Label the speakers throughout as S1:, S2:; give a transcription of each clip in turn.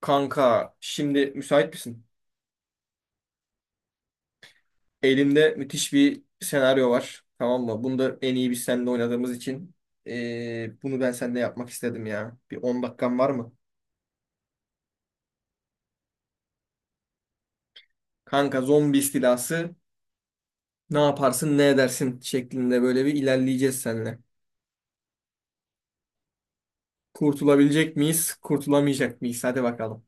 S1: Kanka şimdi müsait misin? Elimde müthiş bir senaryo var. Tamam mı? Bunu da en iyi biz seninle oynadığımız için bunu ben seninle yapmak istedim ya. Bir 10 dakikan var mı? Kanka zombi istilası ne yaparsın ne edersin şeklinde böyle bir ilerleyeceğiz seninle. Kurtulabilecek miyiz? Kurtulamayacak mıyız? Hadi bakalım.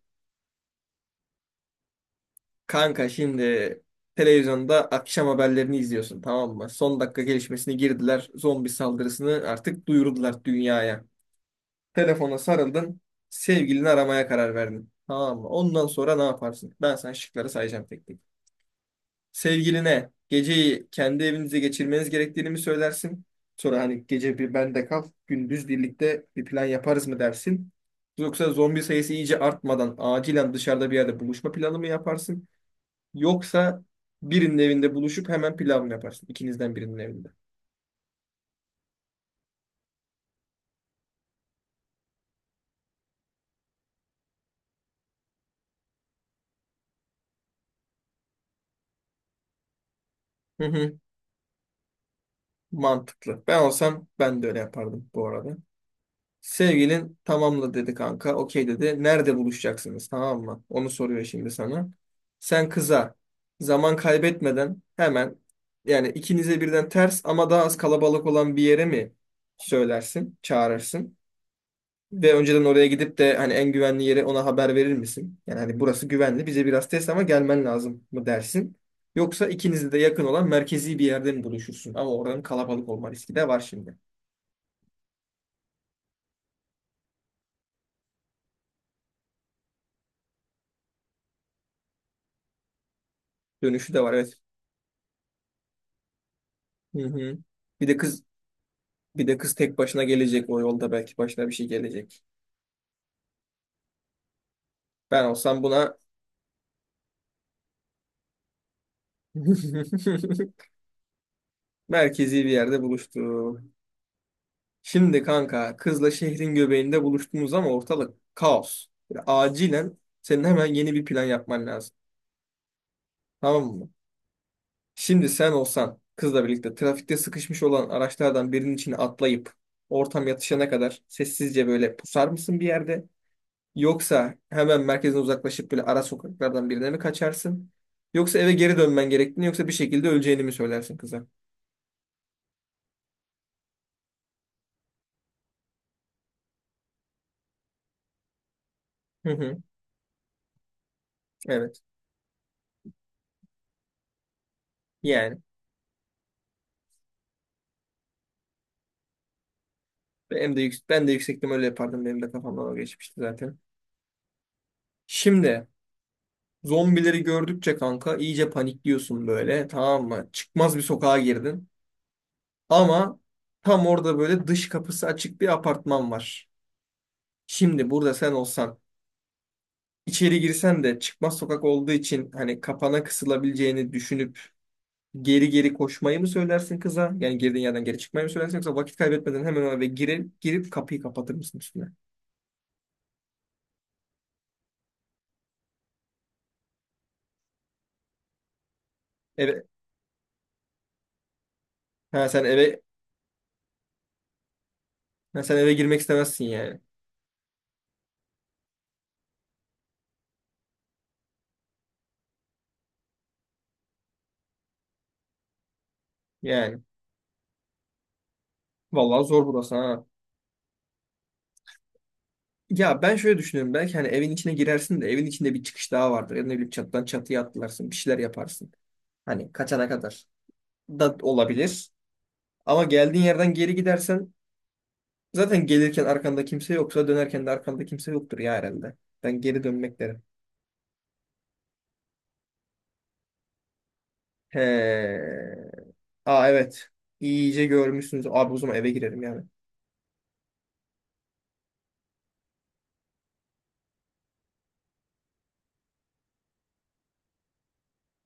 S1: Kanka şimdi televizyonda akşam haberlerini izliyorsun tamam mı? Son dakika gelişmesini girdiler. Zombi saldırısını artık duyurdular dünyaya. Telefona sarıldın. Sevgilini aramaya karar verdin. Tamam mı? Ondan sonra ne yaparsın? Ben sana şıkları sayacağım tek tek. Sevgiline geceyi kendi evinizde geçirmeniz gerektiğini mi söylersin? Sonra hani gece bir bende kal, gündüz birlikte bir plan yaparız mı dersin? Yoksa zombi sayısı iyice artmadan acilen dışarıda bir yerde buluşma planı mı yaparsın? Yoksa birinin evinde buluşup hemen plan mı yaparsın? İkinizden birinin evinde. Hı hı, mantıklı. Ben olsam ben de öyle yapardım bu arada. Sevgilin tamamla dedi kanka. Okey dedi. Nerede buluşacaksınız tamam mı? Onu soruyor şimdi sana. Sen kıza zaman kaybetmeden hemen yani ikinize birden ters ama daha az kalabalık olan bir yere mi söylersin, çağırırsın? Ve önceden oraya gidip de hani en güvenli yere ona haber verir misin? Yani hani burası güvenli bize biraz test ama gelmen lazım mı dersin? Yoksa ikinize de yakın olan merkezi bir yerde mi buluşursun? Ama oranın kalabalık olma riski de var şimdi. Dönüşü de var evet. Hı hı. Bir de kız Bir de kız tek başına gelecek o yolda belki başına bir şey gelecek. Ben olsam buna merkezi bir yerde buluştum. Şimdi kanka kızla şehrin göbeğinde buluştunuz ama ortalık kaos. Yani acilen senin hemen yeni bir plan yapman lazım. Tamam mı? Şimdi sen olsan kızla birlikte trafikte sıkışmış olan araçlardan birinin içine atlayıp ortam yatışana kadar sessizce böyle pusar mısın bir yerde? Yoksa hemen merkezden uzaklaşıp böyle ara sokaklardan birine mi kaçarsın? Yoksa eve geri dönmen gerektiğini yoksa bir şekilde öleceğini mi söylersin kıza? Hı hı. Evet. Yani ben de yüksektim öyle yapardım. Benim de kafamdan o geçmişti zaten. Şimdi zombileri gördükçe kanka iyice panikliyorsun böyle tamam mı? Çıkmaz bir sokağa girdin. Ama tam orada böyle dış kapısı açık bir apartman var. Şimdi burada sen olsan içeri girsen de çıkmaz sokak olduğu için hani kapana kısılabileceğini düşünüp geri geri koşmayı mı söylersin kıza? Yani girdiğin yerden geri çıkmayı mı söylersin yoksa vakit kaybetmeden hemen eve girip kapıyı kapatır mısın üstüne? Eve ha sen eve ha, sen eve girmek istemezsin yani. Yani vallahi zor burası ha. Ya ben şöyle düşünüyorum belki hani evin içine girersin de evin içinde bir çıkış daha vardır. Ya da ne bileyim çatıdan çatıya atlarsın bir şeyler yaparsın. Hani kaçana kadar da olabilir. Ama geldiğin yerden geri gidersen zaten gelirken arkanda kimse yoksa dönerken de arkanda kimse yoktur ya herhalde. Ben geri dönmek derim. He. Aa evet. İyice görmüşsünüz. Abi o zaman eve girelim yani.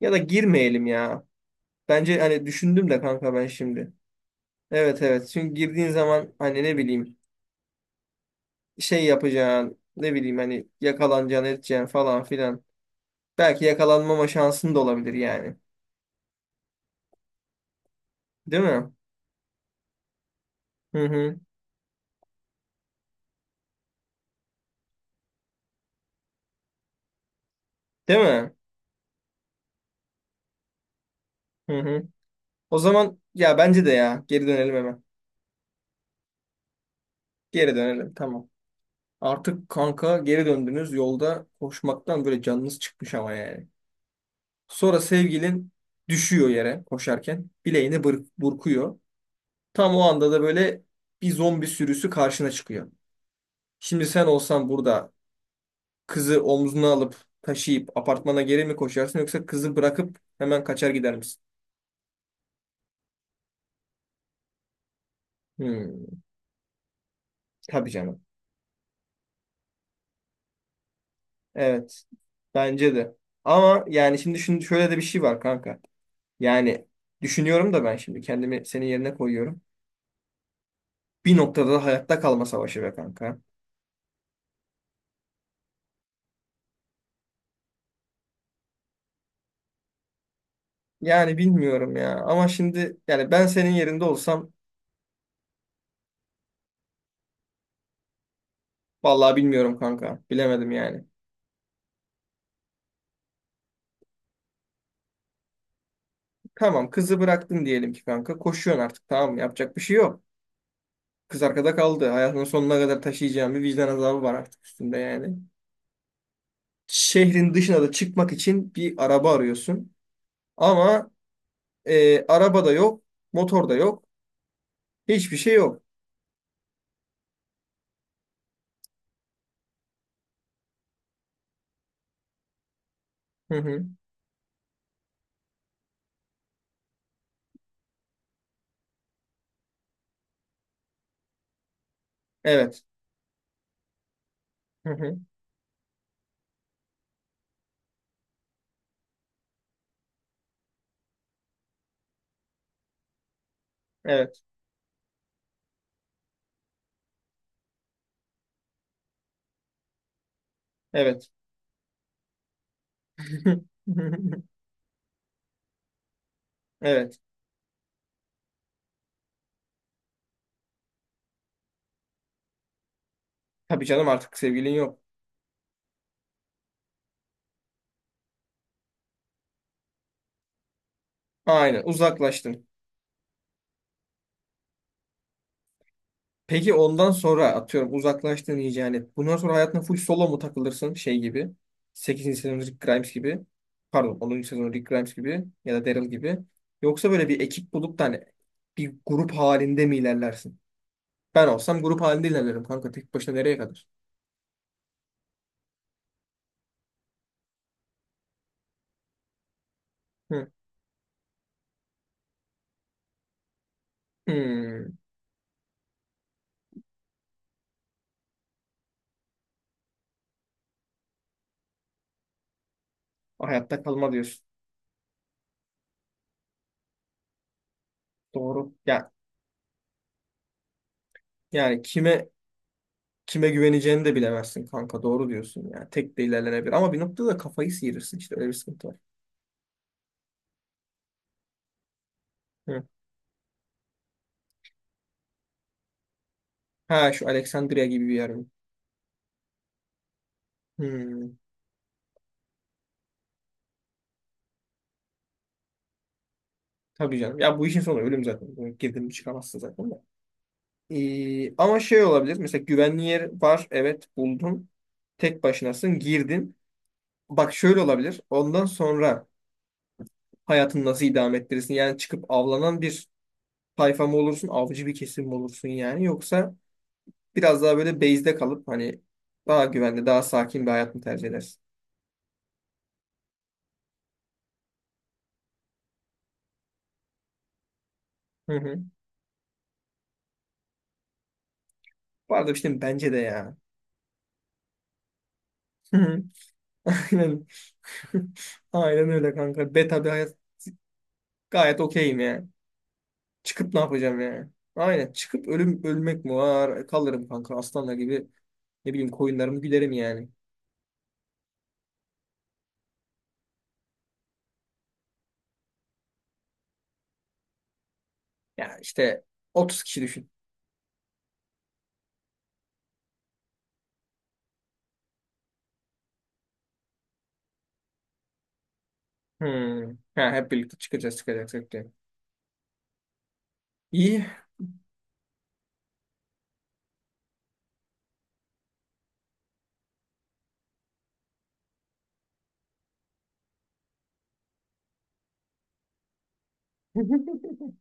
S1: Ya da girmeyelim ya. Bence hani düşündüm de kanka ben şimdi. Evet, evet. Çünkü girdiğin zaman hani ne bileyim şey yapacaksın. Ne bileyim hani yakalanacaksın edeceksin falan filan. Belki yakalanmama şansın da olabilir yani. Değil mi? Hı hı. Değil mi? Hı hı. O zaman ya bence de ya. Geri dönelim hemen. Geri dönelim. Tamam. Artık kanka geri döndünüz. Yolda koşmaktan böyle canınız çıkmış ama yani. Sonra sevgilin düşüyor yere koşarken. Bileğini burkuyor. Tam o anda da böyle bir zombi sürüsü karşına çıkıyor. Şimdi sen olsan burada kızı omzuna alıp taşıyıp apartmana geri mi koşarsın yoksa kızı bırakıp hemen kaçar gider misin? Hmm, tabii canım. Evet. Bence de. Ama yani şimdi şöyle de bir şey var kanka. Yani düşünüyorum da ben şimdi kendimi senin yerine koyuyorum. Bir noktada da hayatta kalma savaşı be kanka. Yani bilmiyorum ya. Ama şimdi yani ben senin yerinde olsam vallahi bilmiyorum kanka. Bilemedim yani. Tamam kızı bıraktın diyelim ki kanka. Koşuyorsun artık tamam mı? Yapacak bir şey yok. Kız arkada kaldı. Hayatının sonuna kadar taşıyacağın bir vicdan azabı var artık üstünde yani. Şehrin dışına da çıkmak için bir araba arıyorsun. Ama araba da yok. Motor da yok. Hiçbir şey yok. Hı hı. Evet. Hı hı. Evet. Evet. Evet. Tabii canım artık sevgilin yok. Aynen uzaklaştın. Peki ondan sonra atıyorum uzaklaştığın iyice yani. Bundan sonra hayatına full solo mu takılırsın şey gibi? Sekizinci sezon Rick Grimes gibi. Pardon onuncu sezon Rick Grimes gibi ya da Daryl gibi. Yoksa böyle bir ekip bulup da hani bir grup halinde mi ilerlersin? Ben olsam grup halinde ilerlerim kanka. Tek başına nereye kadar? Hı. Hmm. Hayatta kalma diyorsun. Doğru. Ya yani kime güveneceğini de bilemezsin kanka. Doğru diyorsun yani. Tek de ilerlenebilir ama bir noktada da kafayı sıyırırsın işte öyle bir sıkıntı var. Hı. Ha şu Alexandria gibi bir yer mi? Hmm, tabii canım. Ya bu işin sonu ölüm zaten. Bunu girdin mi çıkamazsın zaten de. Ama şey olabilir. Mesela güvenli yer var. Evet buldun. Tek başınasın. Girdin. Bak şöyle olabilir. Ondan sonra hayatını nasıl idame ettirirsin? Yani çıkıp avlanan bir tayfa mı olursun? Avcı bir kesim mi olursun yani? Yoksa biraz daha böyle base'de kalıp hani daha güvenli, daha sakin bir hayat mı tercih edersin? Hı hı. Bu arada işte bence de ya. Hı hı. Aynen. Aynen öyle kanka. Beta bir hayat gayet okeyim ya. Çıkıp ne yapacağım yani? Aynen. Çıkıp ölüm ölmek mi var? Kalırım kanka aslanla gibi. Ne bileyim koyunlarımı gülerim yani. Ya işte 30 kişi düşün. Hmm. Ha, hep birlikte çıkacağız. İyi.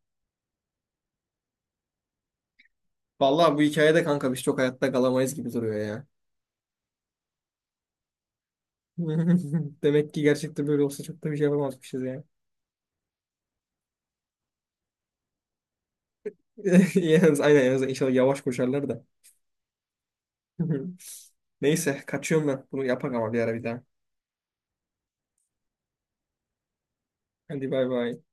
S1: Vallahi bu hikayede kanka biz çok hayatta kalamayız gibi duruyor ya. Demek ki gerçekten böyle olsa çok da bir şey yapamazmışız ya. Yalnız aynen yalnız inşallah yavaş koşarlar da. Neyse kaçıyorum ben. Bunu yapak ama bir ara bir daha. Hadi bay bay.